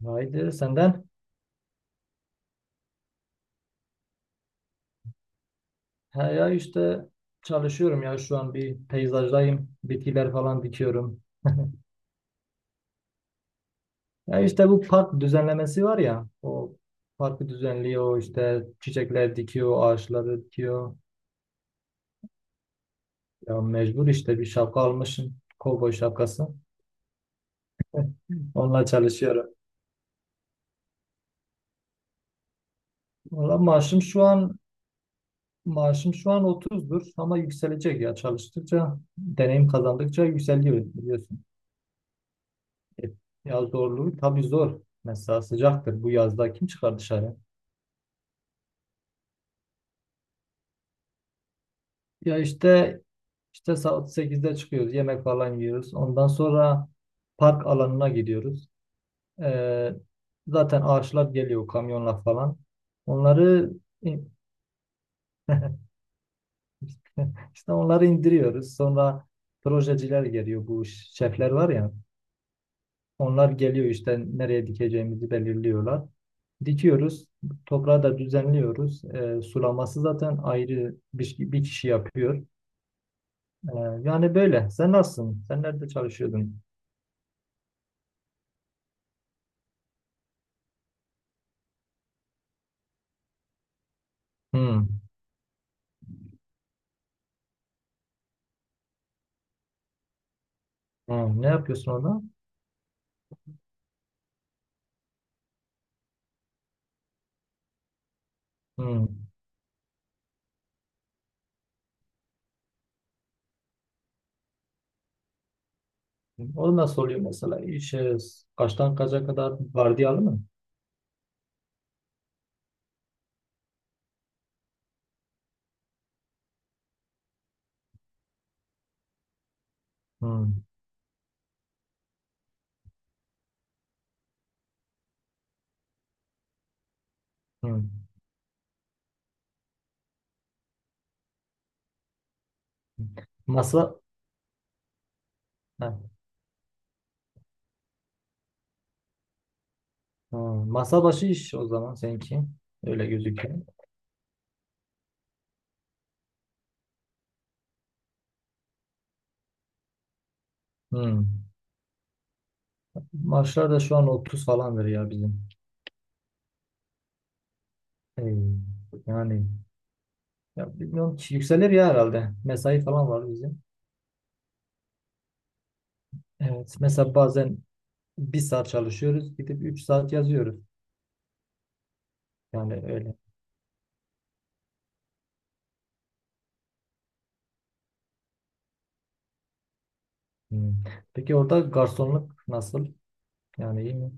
Haydi senden. Ha ya işte çalışıyorum ya şu an bir peyzajdayım. Bitkiler falan dikiyorum. Ya işte bu park düzenlemesi var ya. O parkı düzenliyor işte çiçekler dikiyor, ağaçları dikiyor. Ya mecbur işte bir şapka almışım. Kovboy şapkası. Onunla çalışıyorum. Valla maaşım şu an 30'dur ama yükselecek ya çalıştıkça deneyim kazandıkça yükseliyor biliyorsun. E, Ya zorluğu tabii zor. Mesela sıcaktır. Bu yazda kim çıkar dışarı? Ya işte saat 8'de çıkıyoruz. Yemek falan yiyoruz. Ondan sonra park alanına gidiyoruz. Ee, Zaten ağaçlar geliyor kamyonla falan. Onları işte onları indiriyoruz. Sonra projeciler geliyor. Bu şefler var ya. Onlar geliyor işte nereye dikeceğimizi belirliyorlar. Dikiyoruz. Toprağı da düzenliyoruz. Sulaması zaten ayrı bir kişi yapıyor. E, Yani böyle. Sen nasılsın? Sen nerede çalışıyordun? Hmm. Hmm. Ne yapıyorsun orada? Hmm. O nasıl oluyor mesela? Kaçtan kaça kadar vardiyalı mı? Hmm. Hmm. Masa, ha, ha, masa başı iş o zaman seninki. Öyle gözüküyor. Hmm. Maaşlar da şu an 30 falandır ya bizim. Hey, yani ya bilmiyorum ki yükselir ya herhalde. Mesai falan var bizim. Evet. Mesela bazen bir saat çalışıyoruz gidip 3 saat yazıyoruz. Yani öyle. Hmm. Peki orada garsonluk nasıl? Yani iyi mi?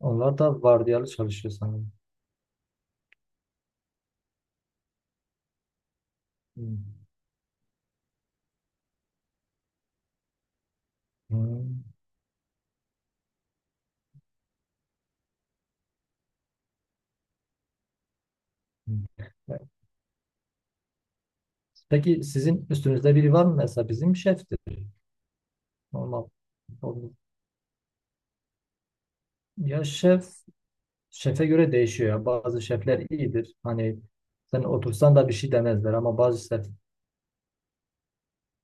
Onlar da vardiyalı çalışıyor sanırım. Hmm. Hmm. Hmm. Evet. Peki sizin üstünüzde biri var mı? Mesela bizim şeftir. Normal. O- Ya şefe göre değişiyor ya. Bazı şefler iyidir. Hani sen otursan da bir şey demezler ama bazı şef...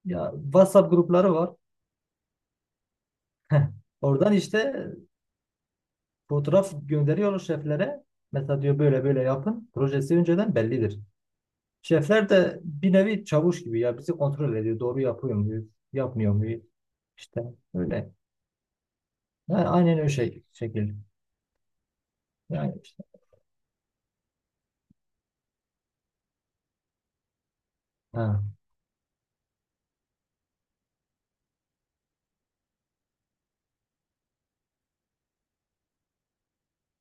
Ya WhatsApp grupları var. Oradan işte fotoğraf gönderiyor şeflere. Mesela diyor böyle böyle yapın. Projesi önceden bellidir. Şefler de bir nevi çavuş gibi ya bizi kontrol ediyor. Doğru yapıyor muyuz? Yapmıyor muyuz? İşte öyle. Yani aynen öyle şekil. Yani işte. Ha.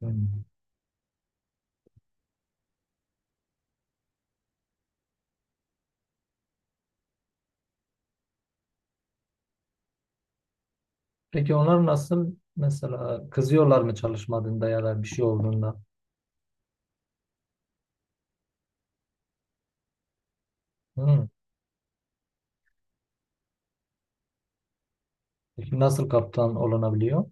Hmm. Peki onlar nasıl mesela kızıyorlar mı çalışmadığında ya da bir şey olduğunda? Hmm. Peki nasıl kaptan olunabiliyor?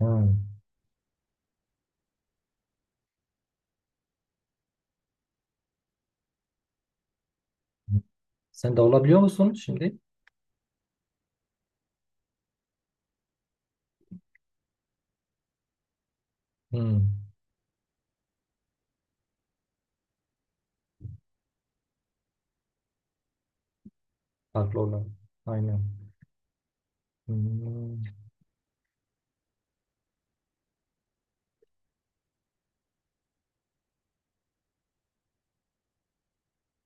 Hmm. Sen de olabiliyor musun şimdi? Hmm. Farklı olan. Aynen. Hmm.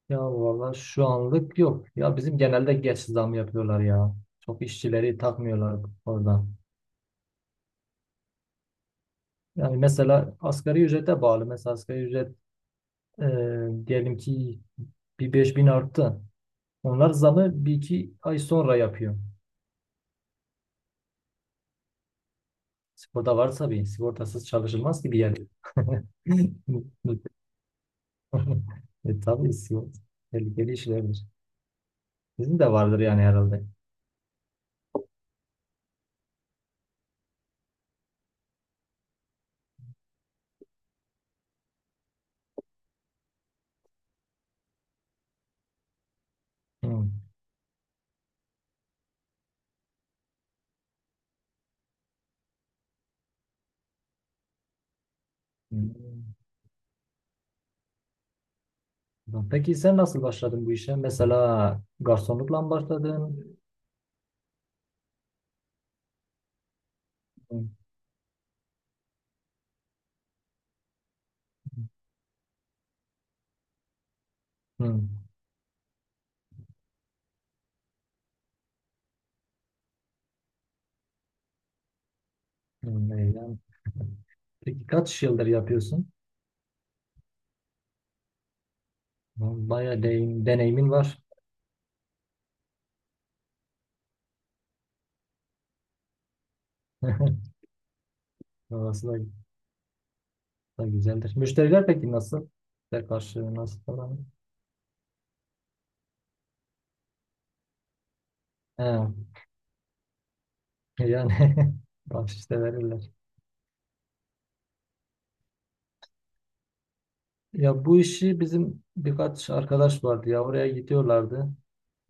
Ya valla şu anlık yok. Ya bizim genelde geç zam yapıyorlar ya. Çok işçileri takmıyorlar orada. Yani mesela asgari ücrete bağlı. Mesela asgari ücret diyelim ki bir 5.000 arttı. Onlar zamı bir iki ay sonra yapıyor. Sigorta varsa bir sigortasız çalışılmaz gibi yer. Tabii sigorta tehlikeli işlerdir. Sizin de vardır yani herhalde. Hı. Hı. Tamam. Peki sen nasıl başladın bu işe? Mesela garsonlukla mı başladın? Hı, hı, hı, eylem. Peki kaç yıldır yapıyorsun? Tamam, bayağı deneyimin var. Orası da, güzeldir. Müşteriler peki nasıl? Size karşı nasıl falan? He, yani bak işte verirler. Ya bu işi bizim birkaç arkadaş vardı ya oraya gidiyorlardı.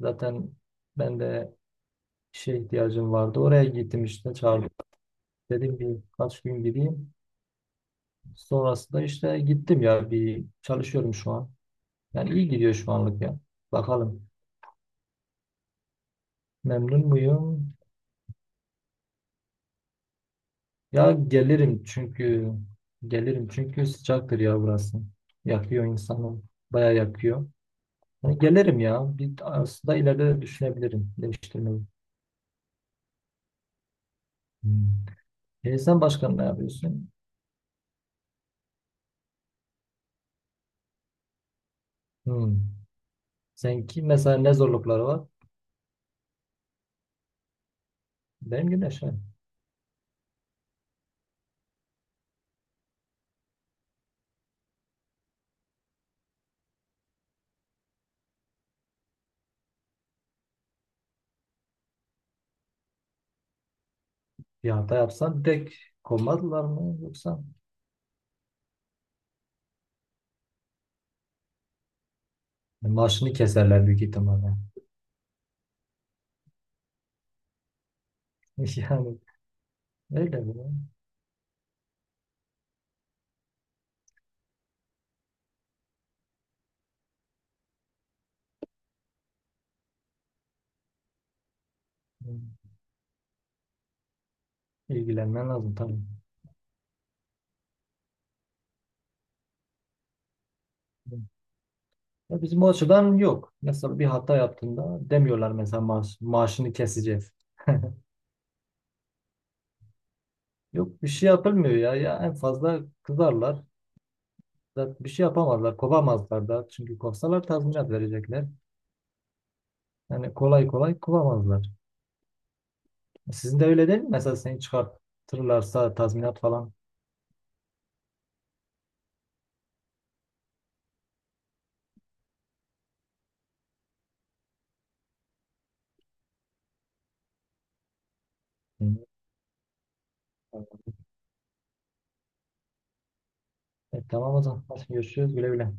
Zaten ben de işe ihtiyacım vardı. Oraya gittim işte çağırdı. Dedim bir kaç gün gideyim. Sonrasında işte gittim ya bir çalışıyorum şu an. Yani iyi gidiyor şu anlık ya. Bakalım memnun muyum? Ya gelirim çünkü sıcaktır ya burası. Yakıyor insanı. Bayağı yakıyor. Yani gelirim ya. Bir aslında ileride de düşünebilirim değiştirmeyi. Hmm. Sen başkan ne yapıyorsun? Hmm. Seninki mesela ne zorlukları var? Benim gibi yaşa. Bir hata yapsan direkt kovmadılar mı yoksa? Maaşını keserler büyük ihtimalle. Yani öyle bu. İlgilenmen lazım tabii. Ya bizim o açıdan yok. Mesela bir hata yaptığında demiyorlar mesela maaşını keseceğiz. Yok bir şey yapılmıyor ya. Ya en fazla kızarlar. Zaten bir şey yapamazlar. Kovamazlar da. Çünkü kovsalar tazminat verecekler. Yani kolay kolay kovamazlar. Sizin de öyle değil mi? Mesela seni çıkartırlarsa tazminat falan. Hı. Evet, tamam o zaman. Hadi görüşürüz. Güle güle.